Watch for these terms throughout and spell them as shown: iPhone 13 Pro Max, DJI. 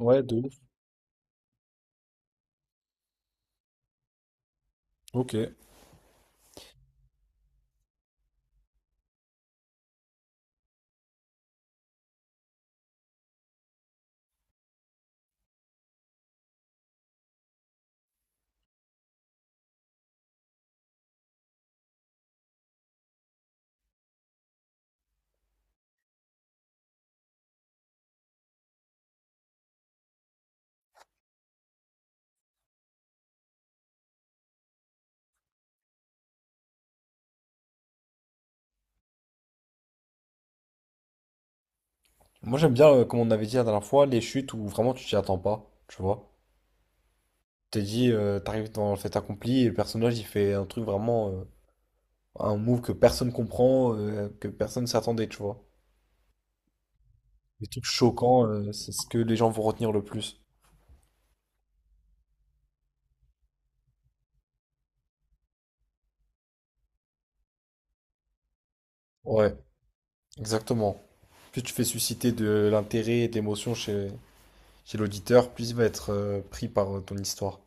Ouais, de ouf. Ok. Moi j'aime bien, comme on avait dit la dernière fois, les chutes où vraiment tu t'y attends pas, tu vois. T'es dit, t'arrives dans le fait accompli et le personnage il fait un truc vraiment, un move que personne comprend, que personne s'attendait, tu vois. Des trucs choquants, c'est ce que les gens vont retenir le plus. Ouais, exactement. Plus tu fais susciter de l'intérêt et de l'émotion chez, chez l'auditeur, plus il va être pris par ton histoire.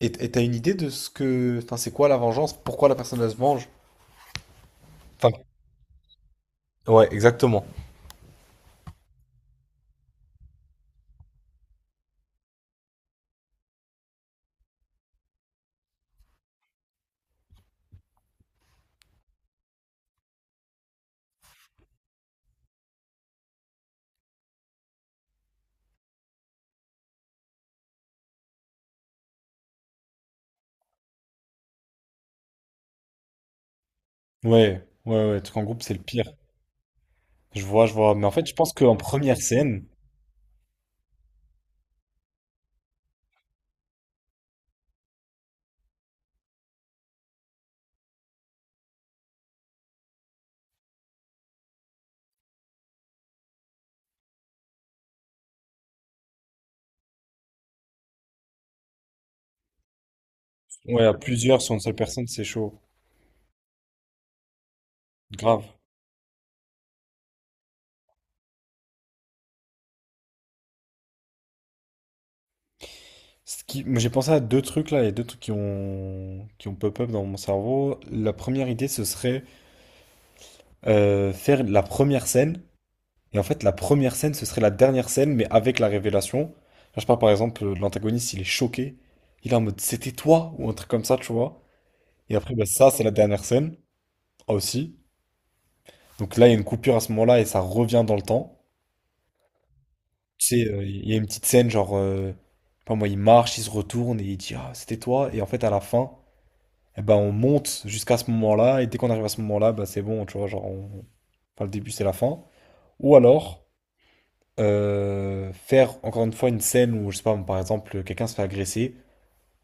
Et t'as une idée de ce que... Enfin, c'est quoi la vengeance? Pourquoi la personne elle se venge? Enfin, ouais, exactement. Ouais, ouais, ouais, truc en groupe, c'est le pire. Je vois, je vois. Mais en fait, je pense qu'en première scène, ouais, à plusieurs sur une seule personne, c'est chaud. Grave. Ce qui... moi, j'ai pensé à deux trucs là, il y a deux trucs qui ont pop-up dans mon cerveau. La première idée, ce serait faire la première scène. Et en fait, la première scène, ce serait la dernière scène, mais avec la révélation. Là, je parle par exemple, l'antagoniste, il est choqué. Il est en mode, c'était toi, ou un truc comme ça, tu vois. Et après, bah, ça, c'est la dernière scène, aussi. Donc là, il y a une coupure à ce moment-là, et ça revient dans le temps. Tu sais, il y a une petite scène, genre, je sais pas moi, il marche, il se retourne, et il dit, ah, c'était toi. Et en fait, à la fin, eh ben, on monte jusqu'à ce moment-là, et dès qu'on arrive à ce moment-là, bah, c'est bon, tu vois, genre, on... enfin, le début, c'est la fin. Ou alors, faire encore une fois une scène où, je sais pas, par exemple, quelqu'un se fait agresser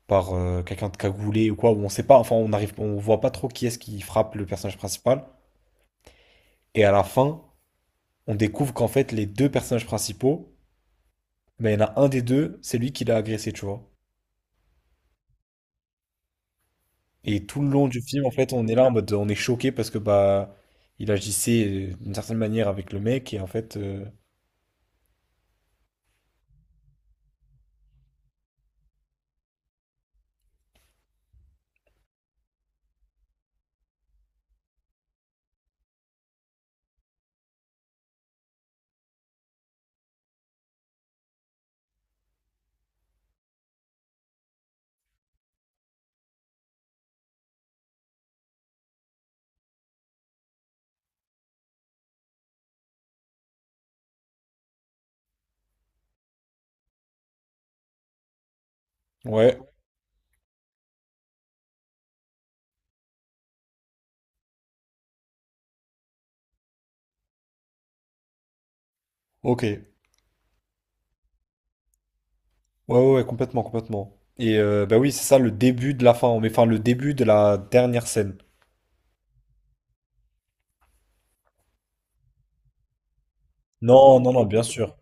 par quelqu'un de cagoulé ou quoi, où on sait pas, enfin, on arrive, on voit pas trop qui est-ce qui frappe le personnage principal. Et à la fin, on découvre qu'en fait, les deux personnages principaux, ben, il y en a un des deux, c'est lui qui l'a agressé, tu vois. Et tout le long du film, en fait, on est là en mode, on est choqué parce que, bah, il agissait d'une certaine manière avec le mec et en fait, ouais, ok. Ouais, ouais, ouais, complètement, complètement. Et bah oui, c'est ça le début de la fin, mais enfin le début de la dernière scène. Non, non, non, bien sûr.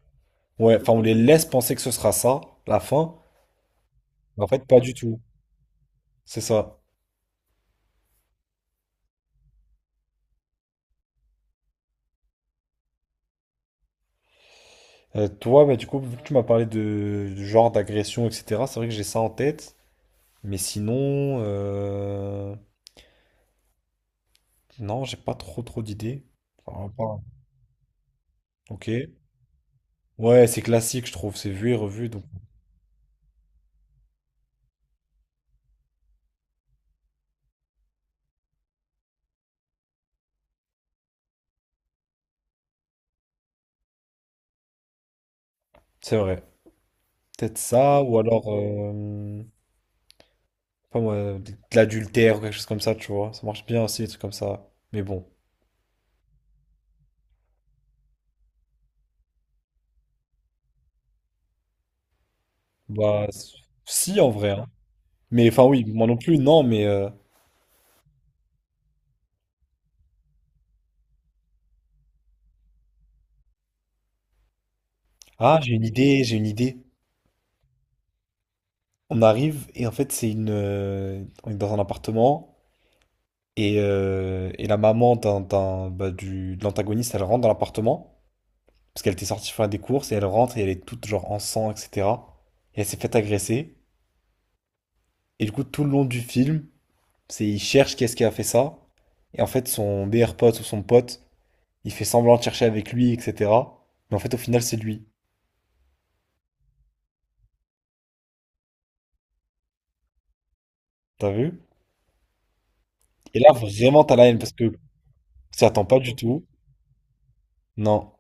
Ouais, enfin on les laisse penser que ce sera ça, la fin, mais en fait pas du tout. C'est ça. Toi, bah du coup, vu que tu m'as parlé de du genre d'agression, etc., c'est vrai que j'ai ça en tête, mais sinon, non, j'ai pas trop trop d'idées. Enfin, pas- hein. Ok. Ouais, c'est classique, je trouve, c'est vu et revu, donc c'est vrai. Peut-être ça, ou alors... pas moi, de l'adultère ou quelque chose comme ça, tu vois. Ça marche bien aussi, des trucs comme ça. Mais bon, bah, si en vrai. Hein. Mais enfin, oui, moi non plus, non, mais. Ah, j'ai une idée, j'ai une idée. On arrive et en fait, c'est une. On est dans un appartement et la maman d'un, bah, du, de l'antagoniste, elle rentre dans l'appartement parce qu'elle était sortie faire des courses et elle rentre et elle est toute genre en sang, etc. Et elle s'est faite agresser. Et du coup, tout le long du film, c'est il cherche est ce qui a fait ça. Et en fait, son meilleur pote ou son pote. Il fait semblant de chercher avec lui, etc. Mais en fait, au final, c'est lui. T'as vu? Et là, vraiment, t'as la haine parce que ça attend pas du tout. Non.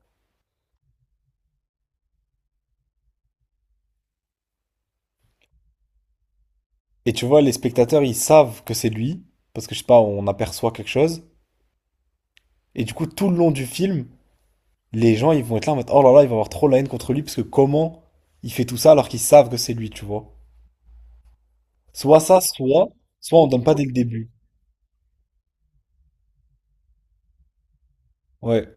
Et tu vois, les spectateurs, ils savent que c'est lui. Parce que je sais pas, on aperçoit quelque chose. Et du coup, tout le long du film, les gens, ils vont être là en mode, oh là là, il va avoir trop la haine contre lui. Parce que comment il fait tout ça alors qu'ils savent que c'est lui, tu vois? Soit ça, soit, soit on donne pas dès le début. Ouais.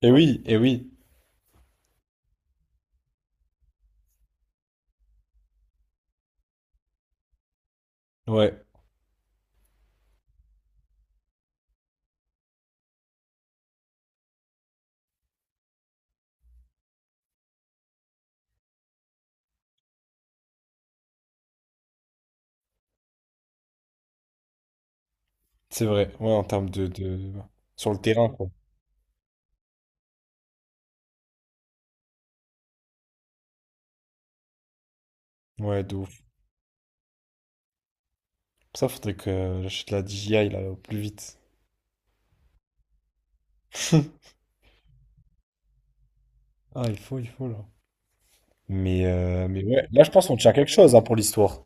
Et oui, et oui. Ouais. C'est vrai. Ouais, en termes de... Sur le terrain, quoi. Ouais, de ouf. Ça, faudrait que j'achète la DJI là, au plus vite. Ah, il faut là. Mais ouais, là, je pense qu'on tient quelque chose hein, pour l'histoire.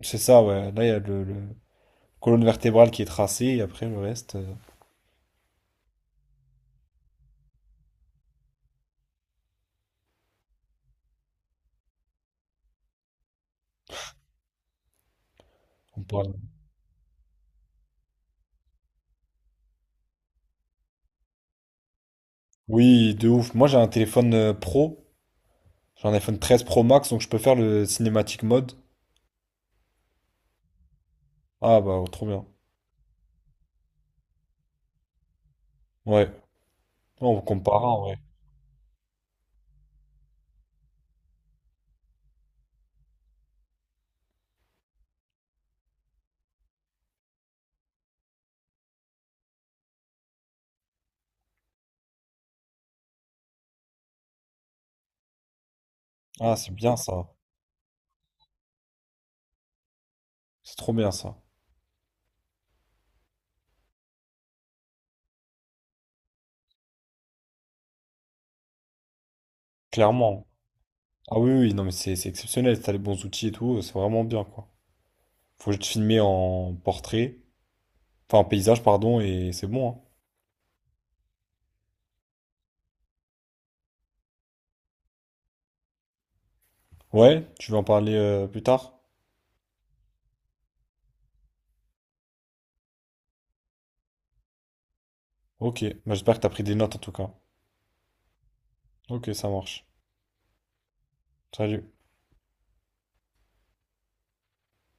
C'est ça, ouais. Là, il y a le colonne vertébrale qui est tracée et après le reste, on parle. Oui, de ouf. Moi, j'ai un téléphone pro. J'ai un iPhone 13 Pro Max, donc je peux faire le cinématique mode. Ah, bah, oh, trop bien. Ouais. On comparera, ouais. Ah, c'est bien ça. C'est trop bien ça. Clairement. Ah oui, oui, non, mais c'est exceptionnel. T'as les bons outils et tout, c'est vraiment bien, quoi. Faut juste filmer en portrait. Enfin, un paysage, pardon, et c'est bon, hein. Ouais, tu veux en parler plus tard? Ok, bah, j'espère que t'as pris des notes en tout cas. Ok, ça marche. Salut.